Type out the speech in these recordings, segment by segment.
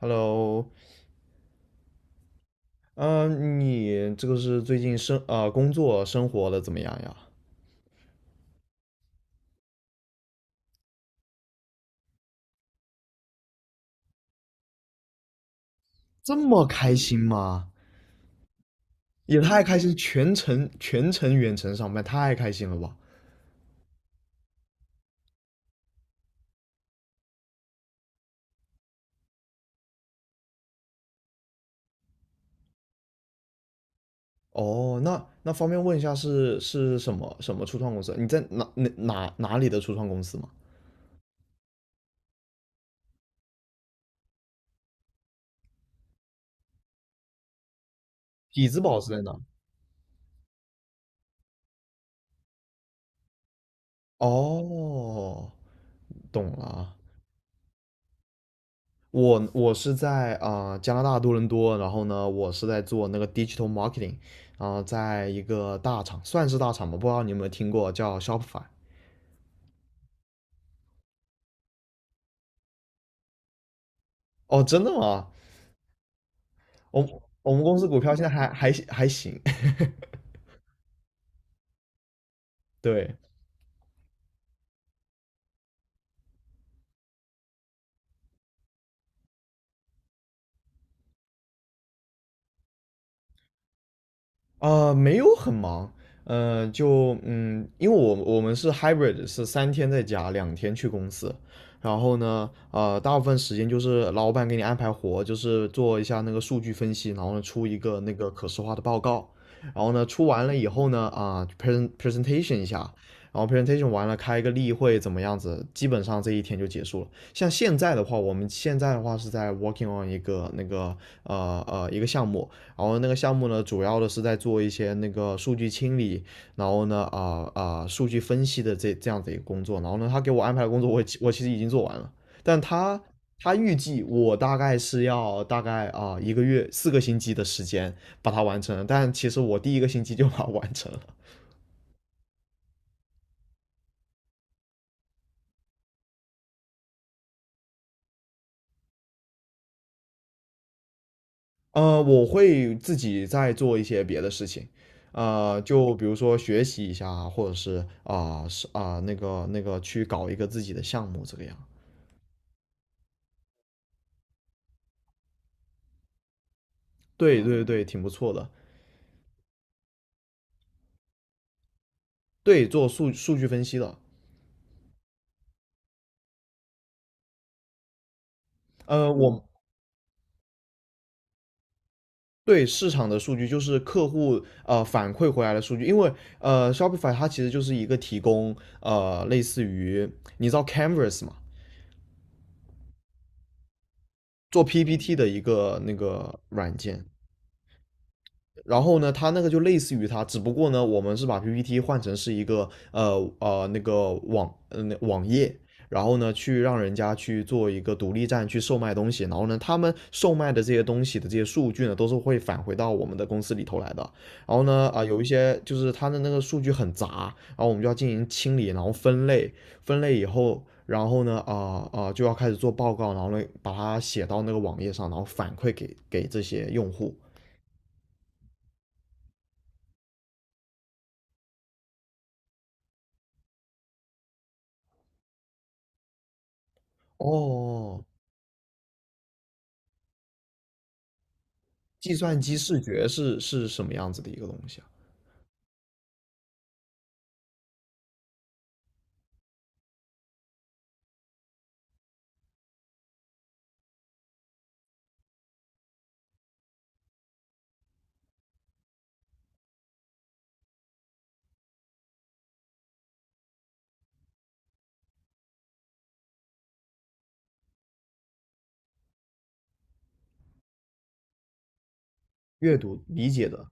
Hello,嗯，你这个是最近工作生活的怎么样呀？这么开心吗？也太开心，全程远程上班，太开心了吧？哦，那方便问一下是什么什么初创公司？你在哪里的初创公司吗？匹兹堡是在哪？哦，懂了啊。我是在加拿大多伦多，然后呢，我是在做那个 digital marketing,然后在一个大厂，算是大厂吧，不知道你有没有听过叫 Shopify？哦，真的吗？我我们公司股票现在还还行，对。没有很忙，因为我们是 hybrid,是三天在家，两天去公司。然后呢，呃，大部分时间就是老板给你安排活，就是做一下那个数据分析，然后呢出一个那个可视化的报告。然后呢，出完了以后呢，啊、p r e s e n presentation 一下，然后 presentation 完了开一个例会，怎么样子？基本上这一天就结束了。像现在的话，我们现在的话是在 working on 一个那个一个项目，然后那个项目呢，主要的是在做一些那个数据清理，然后呢，数据分析的这样子一个工作。然后呢，他给我安排的工作我其实已经做完了，但他预计我大概是要大概一个月四个星期的时间把它完成，但其实我第一个星期就把它完成了。呃，我会自己再做一些别的事情。呃，就比如说学习一下啊或者是那个那个去搞一个自己的项目这个样。对对对，挺不错的。对，做数数据分析的。呃，我对市场的数据就是客户呃反馈回来的数据，因为呃 Shopify 它其实就是一个提供呃类似于你知道 Canvas 嘛，做 PPT 的一个那个软件。然后呢，它那个就类似于它，只不过呢，我们是把 PPT 换成是一个那个网页，然后呢去让人家去做一个独立站去售卖东西，然后呢他们售卖的这些东西的这些数据呢都是会返回到我们的公司里头来的。然后呢有一些就是他的那个数据很杂，然后我们就要进行清理，然后分类，分类以后。然后呢，就要开始做报告，然后呢，把它写到那个网页上，然后反馈给给这些用户。哦，计算机视觉是什么样子的一个东西啊？阅读理解的。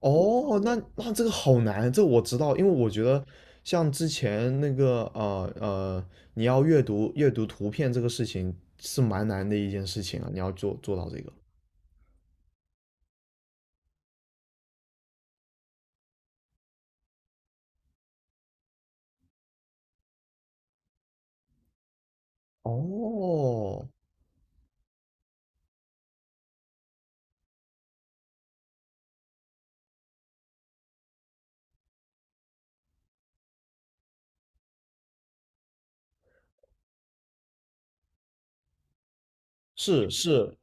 哦，那这个好难，这我知道，因为我觉得像之前那个你要阅读阅读图片这个事情是蛮难的一件事情啊，你要做做到这个。哦，是是，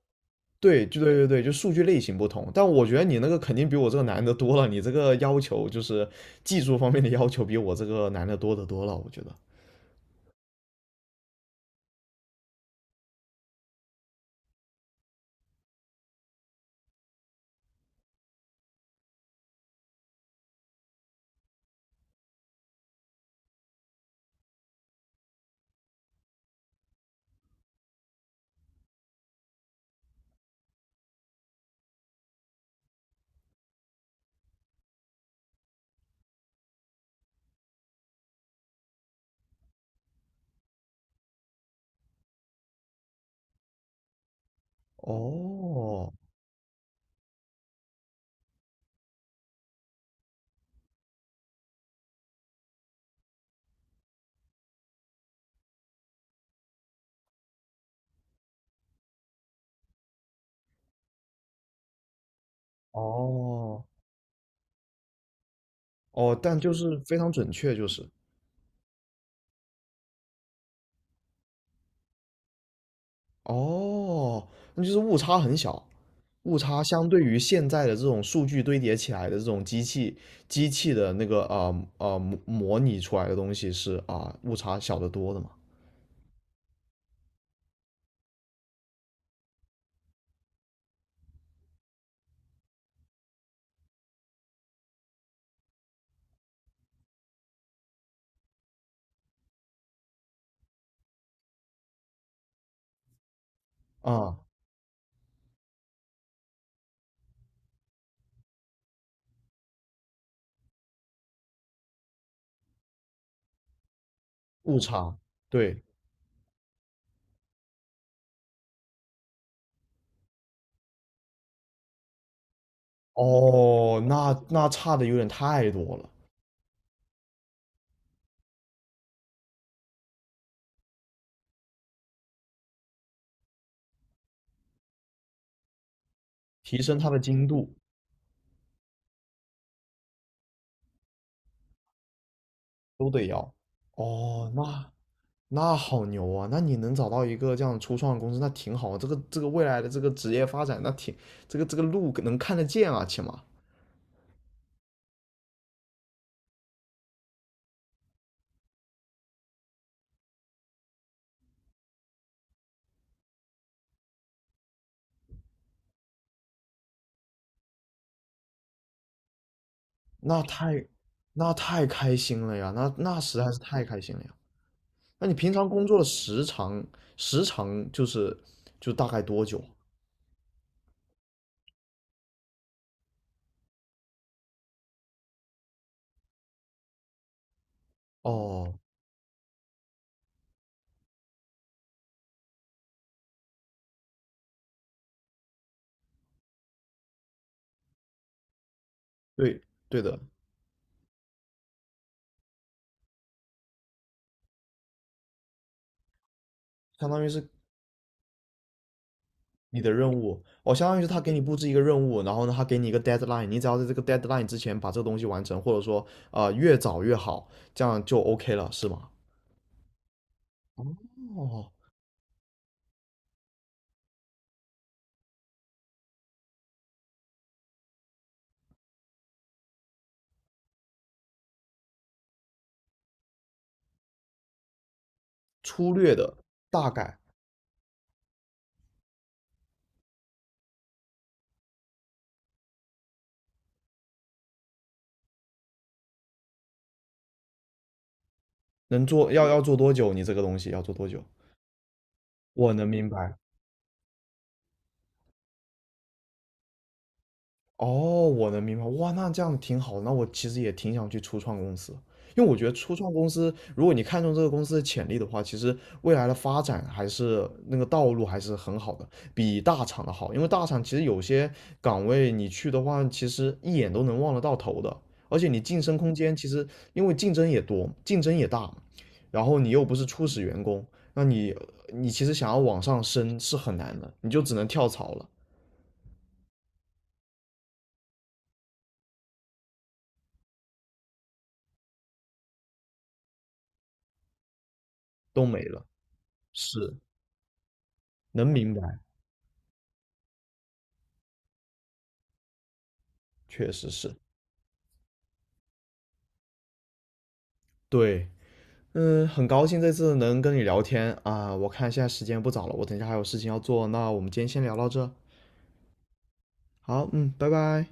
对，就对对对，就数据类型不同，但我觉得你那个肯定比我这个难的多了，你这个要求就是技术方面的要求比我这个难的多得多了，我觉得。哦，哦哦，但就是非常准确，就是哦，那就是误差很小，误差相对于现在的这种数据堆叠起来的这种机器的那个模模拟出来的东西是误差小得多的嘛啊、误差对哦，那那差的有点太多了，提升它的精度都得要哦，那好牛啊！那你能找到一个这样初创的公司，那挺好啊。这个这个未来的这个职业发展，那挺这个这个路能看得见啊，起码那太那太开心了呀！那实在是太开心了呀！那你平常工作的时长时长就是就大概多久啊？哦，对对的，相当于是你的任务哦，相当于是他给你布置一个任务，然后呢，他给你一个 deadline,你只要在这个 deadline 之前把这个东西完成，或者说越早越好，这样就 OK 了，是吗？哦，粗略的大概能做要要做多久？你这个东西要做多久？我能明白，哦，我能明白，哇，那这样挺好的。那我其实也挺想去初创公司，因为我觉得初创公司，如果你看中这个公司的潜力的话，其实未来的发展还是那个道路还是很好的，比大厂的好。因为大厂其实有些岗位你去的话，其实一眼都能望得到头的，而且你晋升空间其实因为竞争也多，竞争也大，然后你又不是初始员工，那你你其实想要往上升是很难的，你就只能跳槽了，都没了，是能明白。确实是。对，嗯，很高兴这次能跟你聊天啊，我看现在时间不早了，我等一下还有事情要做，那我们今天先聊到这。好，嗯，拜拜。